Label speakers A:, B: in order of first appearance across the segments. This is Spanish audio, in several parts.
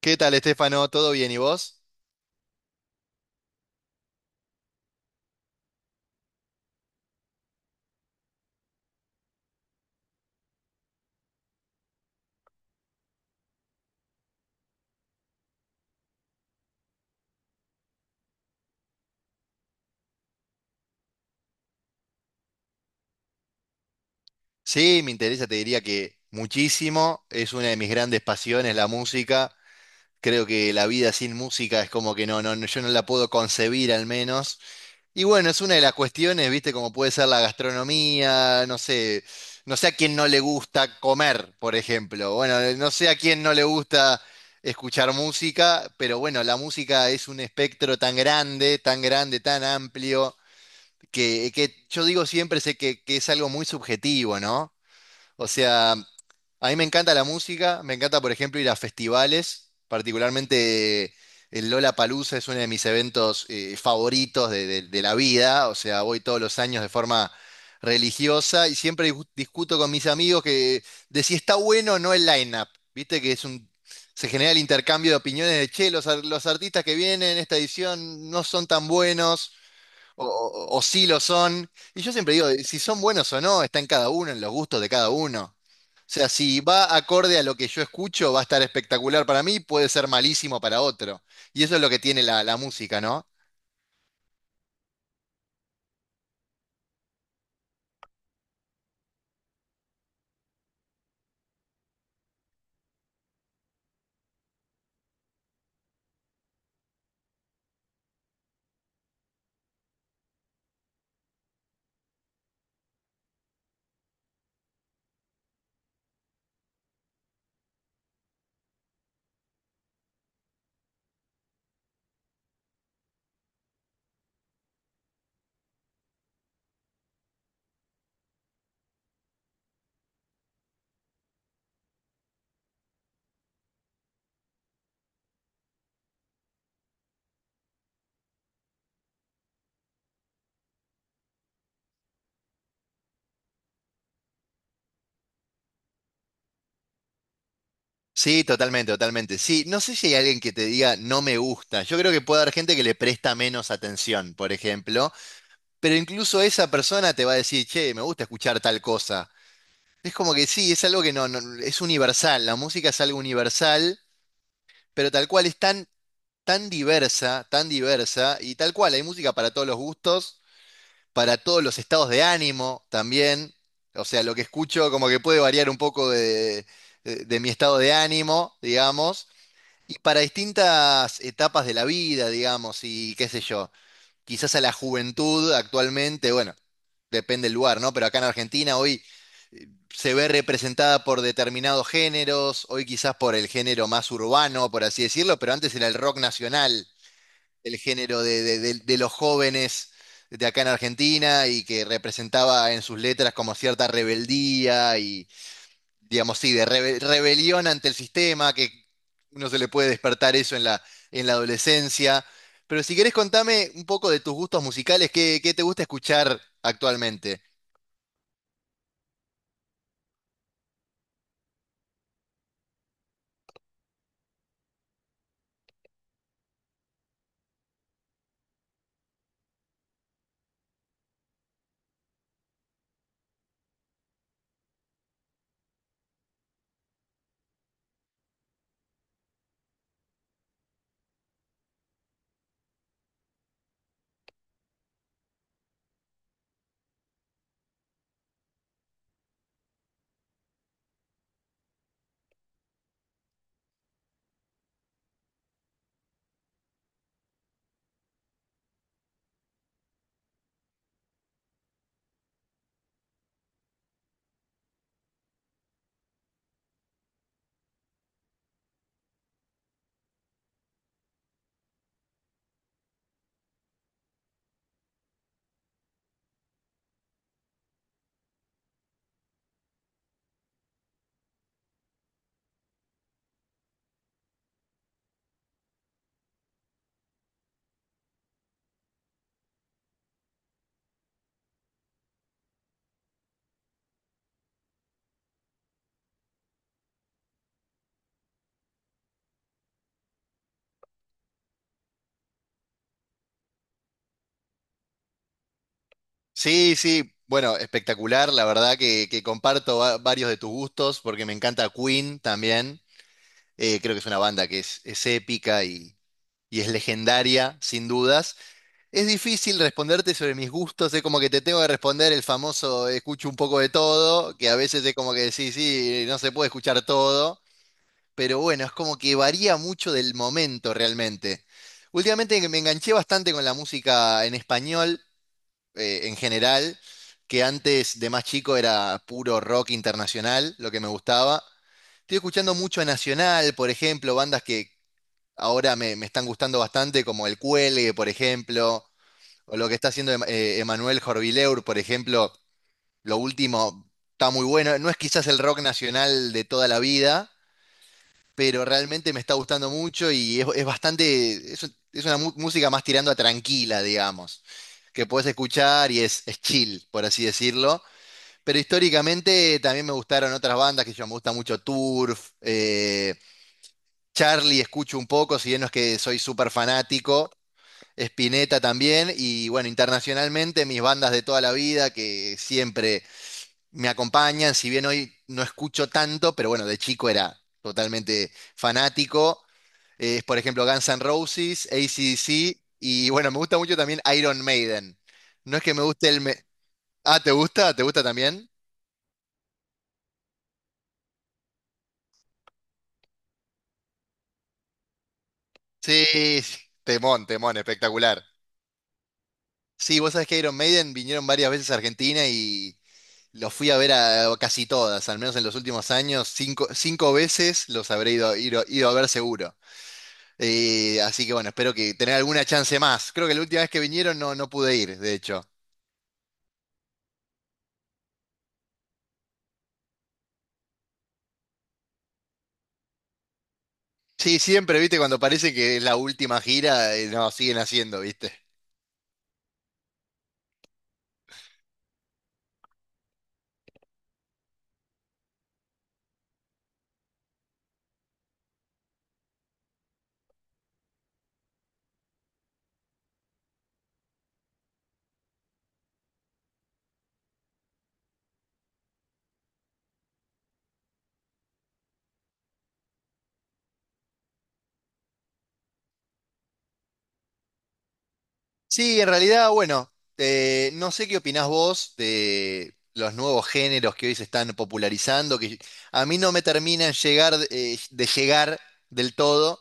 A: ¿Qué tal, Estefano? ¿Todo bien? ¿Y vos? Sí, me interesa, te diría que muchísimo. Es una de mis grandes pasiones, la música. Creo que la vida sin música es como que no, yo no la puedo concebir al menos. Y bueno, es una de las cuestiones, viste, como puede ser la gastronomía, no sé, no sé a quién no le gusta comer, por ejemplo. Bueno, no sé a quién no le gusta escuchar música, pero bueno, la música es un espectro tan grande, tan grande, tan amplio que yo digo siempre sé que es algo muy subjetivo, ¿no? O sea, a mí me encanta la música, me encanta, por ejemplo, ir a festivales, particularmente el Lollapalooza es uno de mis eventos favoritos de, de la vida, o sea, voy todos los años de forma religiosa y siempre discuto con mis amigos que, de si está bueno o no el line-up, viste que es un... Se genera el intercambio de opiniones de, che, los, los artistas que vienen en esta edición no son tan buenos o, o sí lo son. Y yo siempre digo, si son buenos o no, está en cada uno, en los gustos de cada uno. O sea, si va acorde a lo que yo escucho, va a estar espectacular para mí, puede ser malísimo para otro. Y eso es lo que tiene la música, ¿no? Sí, totalmente, totalmente. Sí, no sé si hay alguien que te diga no me gusta. Yo creo que puede haber gente que le presta menos atención, por ejemplo, pero incluso esa persona te va a decir, che, me gusta escuchar tal cosa. Es como que sí, es algo que es universal. La música es algo universal, pero tal cual es tan diversa, tan diversa, y tal cual, hay música para todos los gustos, para todos los estados de ánimo también. O sea, lo que escucho como que puede variar un poco de, de mi estado de ánimo, digamos, y para distintas etapas de la vida, digamos, y qué sé yo, quizás a la juventud actualmente, bueno, depende del lugar, ¿no? Pero acá en Argentina hoy eh, se ve representada por determinados géneros, hoy quizás por el género más urbano, por así decirlo, pero antes era el rock nacional el género de, de los jóvenes de acá en Argentina y que representaba en sus letras como cierta rebeldía y, digamos, sí, de rebelión ante el sistema, que uno se le puede despertar eso en la adolescencia. Pero si querés contame un poco de tus gustos musicales, ¿qué, qué te gusta escuchar actualmente? Sí, sí, bueno, espectacular, la verdad que comparto varios de tus gustos porque me encanta Queen también. Creo que es una banda que es épica y es legendaria, sin dudas. Es difícil responderte sobre mis gustos, es como que te tengo que responder el famoso escucho un poco de todo, que a veces es como que decís, sí, no se puede escuchar todo, pero bueno, es como que varía mucho del momento realmente. Últimamente me enganché bastante con la música en español, en general, que antes de más chico era puro rock internacional, lo que me gustaba. Estoy escuchando mucho a Nacional, por ejemplo, bandas que, ahora me están gustando bastante, como el Cuelgue, por ejemplo, o lo que está haciendo Emanuel Jorvileur, por ejemplo, lo último está muy bueno. No es quizás el rock nacional de toda la vida, pero realmente me está gustando mucho y es bastante, es una música más tirando a tranquila, digamos, que puedes escuchar y es chill, por así decirlo. Pero históricamente también me gustaron otras bandas, que yo me gusta mucho Turf, Charlie escucho un poco, si bien no es que soy súper fanático, Spinetta también, y bueno, internacionalmente mis bandas de toda la vida que siempre me acompañan, si bien hoy no escucho tanto, pero bueno, de chico era totalmente fanático, es por ejemplo Guns N' Roses, AC/DC, y bueno, me gusta mucho también Iron Maiden. No es que me guste Ah, ¿te gusta? ¿Te gusta también? Sí, sí, temón, temón, espectacular. Sí, vos sabés que Iron Maiden vinieron varias veces a Argentina y los fui a ver a, casi todas, al menos en los últimos años, cinco, cinco veces los habré ido a ver seguro. Así que bueno, espero que tener alguna chance más. Creo que la última vez que vinieron no, no pude ir, de hecho. Sí, siempre, viste, cuando parece que es la última gira, no, siguen haciendo, viste. Sí, en realidad, bueno, no sé qué opinás vos de los nuevos géneros que hoy se están popularizando, que a mí no me terminan llegar, de llegar del todo.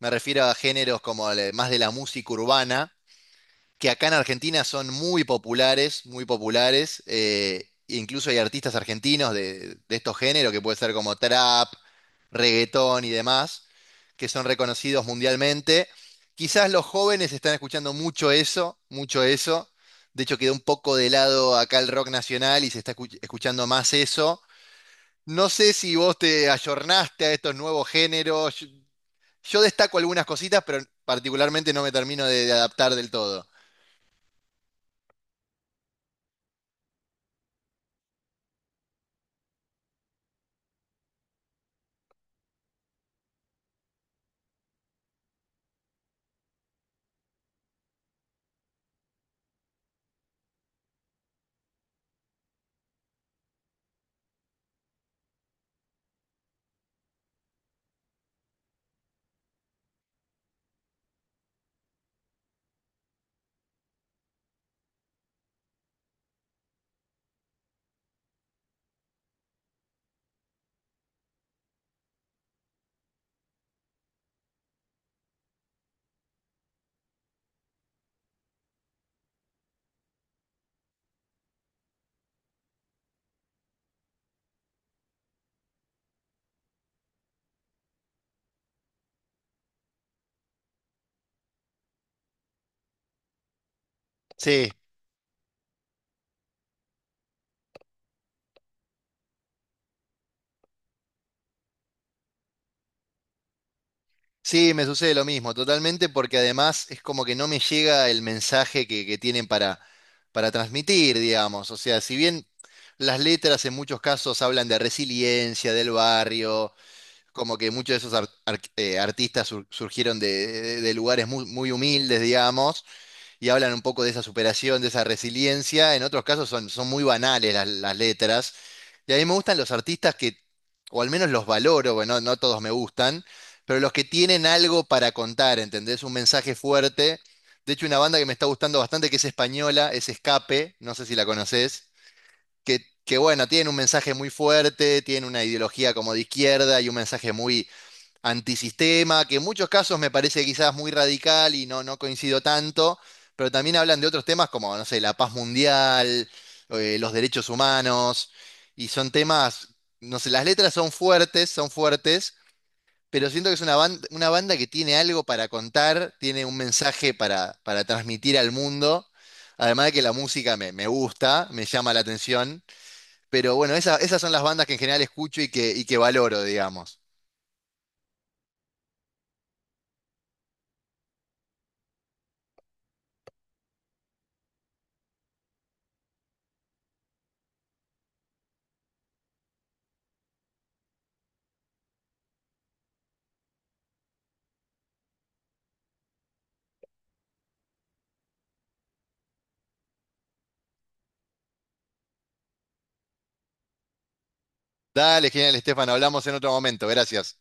A: Me refiero a géneros como más de la música urbana, que acá en Argentina son muy populares, muy populares. Incluso hay artistas argentinos de estos géneros, que puede ser como trap, reggaetón y demás, que son reconocidos mundialmente. Quizás los jóvenes están escuchando mucho eso, mucho eso. De hecho, quedó un poco de lado acá el rock nacional y se está escuchando más eso. No sé si vos te ayornaste a estos nuevos géneros. Yo destaco algunas cositas, pero particularmente no me termino de adaptar del todo. Sí, sí, me sucede lo mismo, totalmente, porque además es como que no me llega el mensaje que tienen para transmitir, digamos. O sea, si bien las letras en muchos casos hablan de resiliencia, del barrio, como que muchos de esos artistas surgieron de, de lugares muy, muy humildes, digamos, y hablan un poco de esa superación, de esa resiliencia. En otros casos son, son muy banales las letras. Y a mí me gustan los artistas que, o al menos los valoro, bueno, no todos me gustan, pero los que tienen algo para contar, ¿entendés? Un mensaje fuerte. De hecho, una banda que me está gustando bastante, que es española, es Escape, no sé si la conoces, que bueno, tienen un mensaje muy fuerte, tienen una ideología como de izquierda y un mensaje muy antisistema, que en muchos casos me parece quizás muy radical y no, no coincido tanto, pero también hablan de otros temas como, no sé, la paz mundial, los derechos humanos, y son temas, no sé, las letras son fuertes, pero siento que es una banda que tiene algo para contar, tiene un mensaje para transmitir al mundo. Además de que la música me, me gusta, me llama la atención, pero bueno, esas son las bandas que en general escucho y que valoro, digamos. Dale, genial, Estefan. Hablamos en otro momento. Gracias.